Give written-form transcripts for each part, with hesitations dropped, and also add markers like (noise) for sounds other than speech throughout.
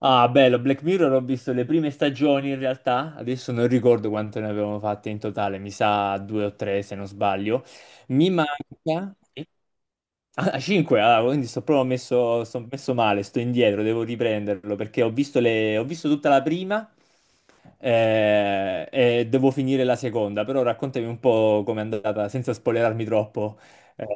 Ah, bello, Black Mirror ho visto le prime stagioni in realtà, adesso non ricordo quante ne avevamo fatte in totale, mi sa due o tre se non sbaglio. Mi manca. Ah, cinque, ah, quindi sto messo male, sto indietro, devo riprenderlo perché ho visto, ho visto tutta la prima e devo finire la seconda, però raccontami un po' com'è andata senza spoilerarmi troppo. Eh,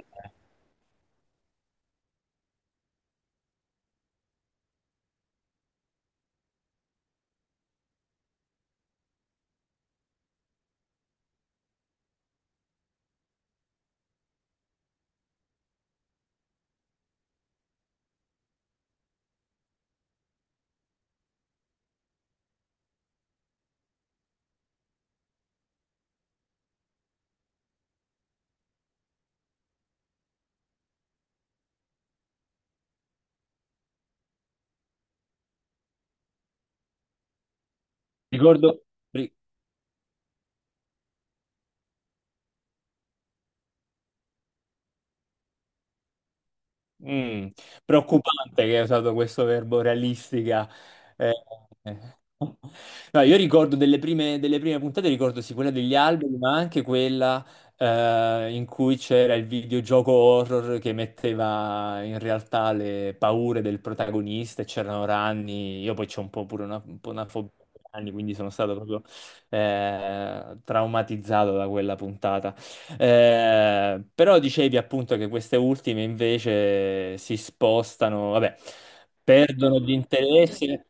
Ricordo. Mm. Preoccupante che hai usato questo verbo realistica. Eh, eh. No, io ricordo delle prime puntate, ricordo sì quella degli alberi, ma anche quella in cui c'era il videogioco horror che metteva in realtà le paure del protagonista e c'erano ranni. Io poi c'ho un po' pure un po' una fobia di ranni, quindi sono stato proprio traumatizzato da quella puntata. Però dicevi appunto che queste ultime invece si spostano, vabbè, perdono di interesse.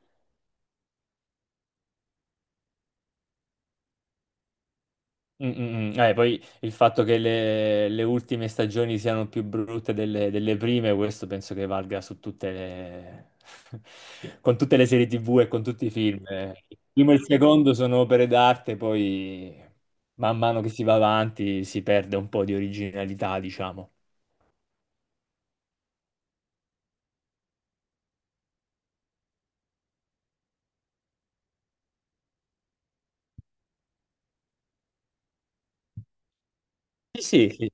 Mm, mm, mm. Poi il fatto che le ultime stagioni siano più brutte delle prime, questo penso che valga (laughs) con tutte le serie TV e con tutti i film. Il primo e il secondo sono opere d'arte, poi man mano che si va avanti si perde un po' di originalità, diciamo. Sì, sì, sì.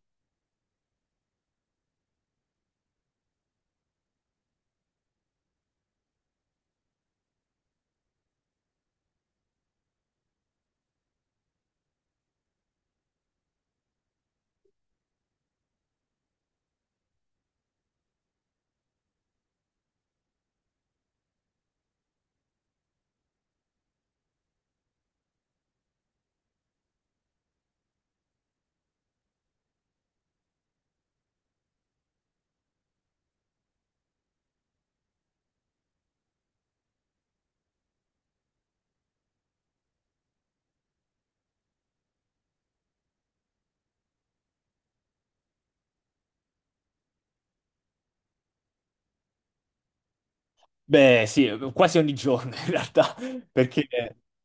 Beh, sì, quasi ogni giorno in realtà, (laughs) perché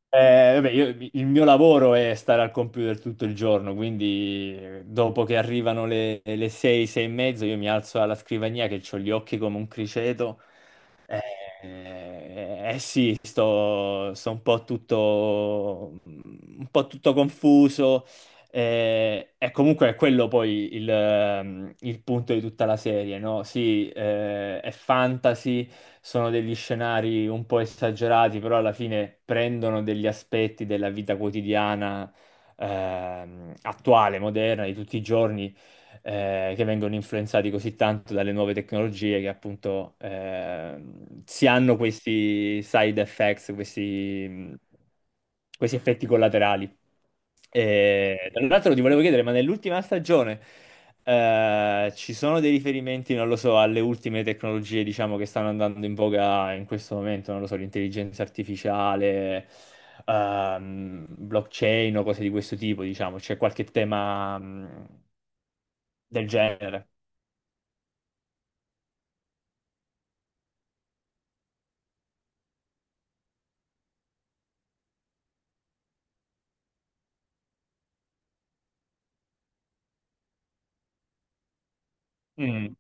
vabbè, il mio lavoro è stare al computer tutto il giorno, quindi dopo che arrivano le 6, 6 e mezzo, io mi alzo alla scrivania che ho gli occhi come un criceto. Sì, sto un po' tutto confuso, e comunque è quello poi il punto di tutta la serie, no? Sì, è fantasy, sono degli scenari un po' esagerati, però alla fine prendono degli aspetti della vita quotidiana, attuale, moderna, di tutti i giorni che vengono influenzati così tanto dalle nuove tecnologie che appunto si hanno questi side effects, questi effetti collaterali. E, tra l'altro ti volevo chiedere, ma nell'ultima stagione ci sono dei riferimenti, non lo so, alle ultime tecnologie, diciamo, che stanno andando in voga in questo momento, non lo so, l'intelligenza artificiale, blockchain o cose di questo tipo, diciamo, c'è qualche tema, del genere. Mm,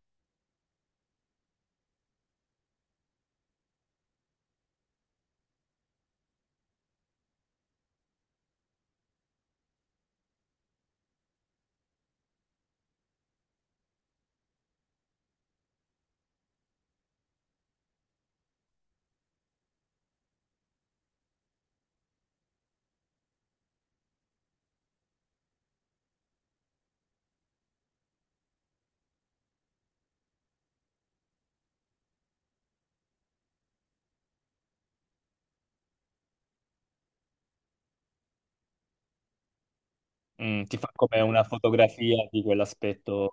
ti fa come una fotografia di quell'aspetto.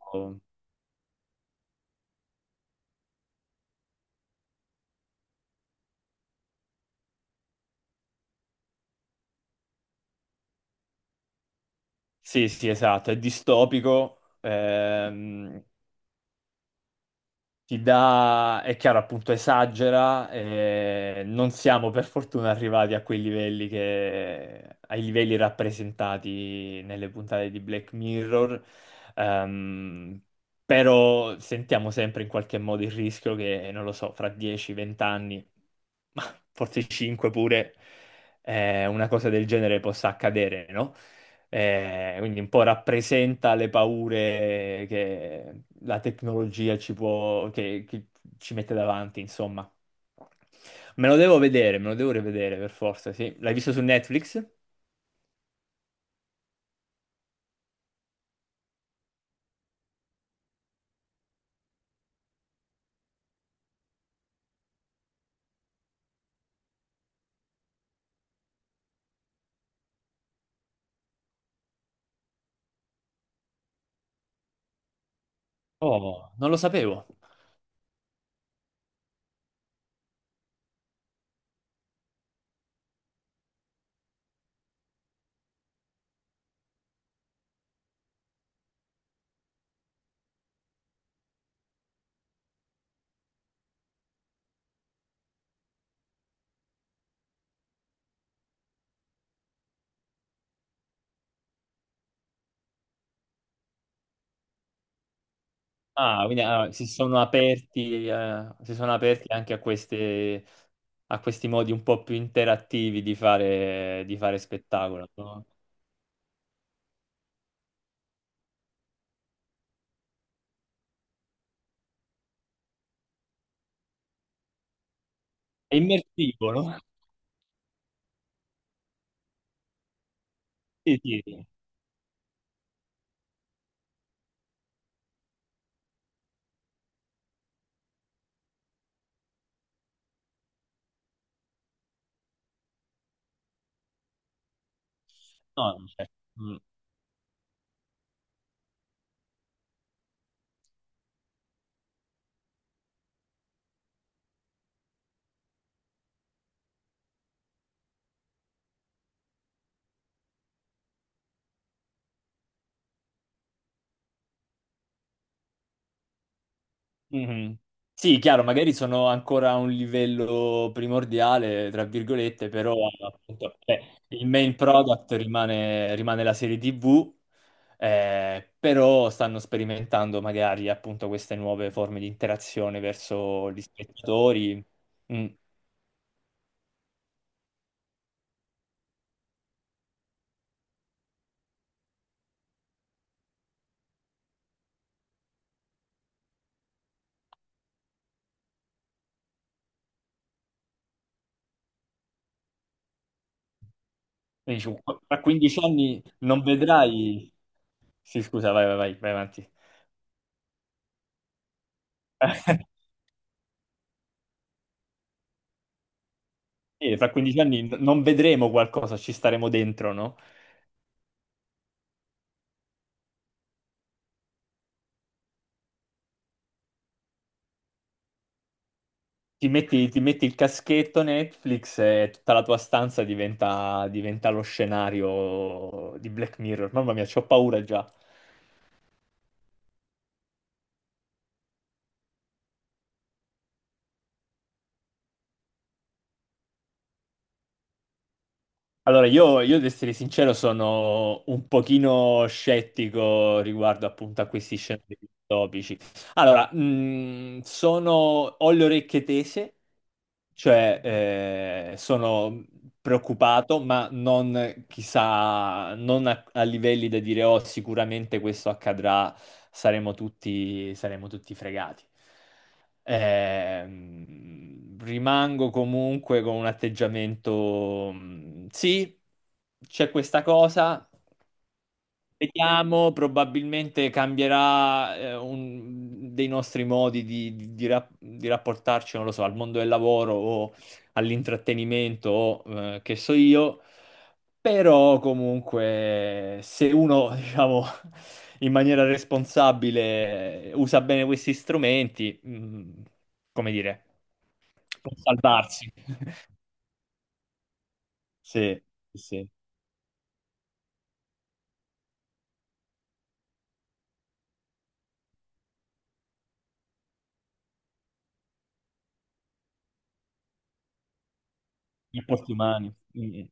Sì, sì, esatto, è distopico. Ti dà, è chiaro, appunto, esagera. Non siamo per fortuna arrivati a quei livelli che, ai livelli rappresentati nelle puntate di Black Mirror. Ehm, Però sentiamo sempre in qualche modo il rischio che, non lo so, fra 10-20 anni, ma forse 5 pure, una cosa del genere possa accadere, no? Quindi un po' rappresenta le paure che la tecnologia ci può, che ci mette davanti, insomma. Me lo devo vedere, me lo devo rivedere per forza, sì. L'hai visto su Netflix? Oh, non lo sapevo. Ah, quindi si sono aperti, anche a a questi modi un po' più interattivi di fare, spettacolo, no? È immersivo, no? Sì, sì, sì. No, non c'è. Mhm. Sì, chiaro, magari sono ancora a un livello primordiale, tra virgolette, però appunto, il main product rimane la serie TV, però stanno sperimentando magari appunto queste nuove forme di interazione verso gli spettatori. Mm. Quindi, tra 15 anni non vedrai. Sì, scusa, vai, vai, vai, vai avanti. (laughs) Sì, fra 15 anni non vedremo qualcosa, ci staremo dentro, no? Ti metti il caschetto Netflix e tutta la tua stanza diventa lo scenario di Black Mirror. Mamma mia, c'ho paura già. Allora, io ad essere sincero sono un pochino scettico riguardo appunto a questi scenari distopici. Allora, ho le orecchie tese. Cioè, sono preoccupato, ma non chissà, non a livelli da dire, oh, sicuramente questo accadrà, saremo tutti fregati. Rimango comunque con un atteggiamento, sì, c'è questa cosa. Vediamo, probabilmente cambierà dei nostri modi di rapportarci, non lo so, al mondo del lavoro o all'intrattenimento o che so io, però comunque se uno, (laughs) diciamo, in maniera responsabile usa bene questi strumenti, come dire, può salvarsi. (laughs) Sì, sì, sì. Rapporti umani. Mm.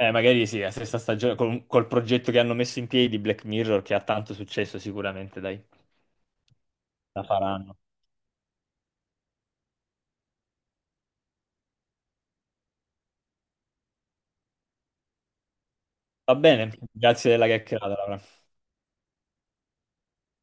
Magari sì, la stessa stagione, col progetto che hanno messo in piedi di Black Mirror, che ha tanto successo sicuramente, dai, la faranno. Va bene, grazie della chiacchierata, Laura.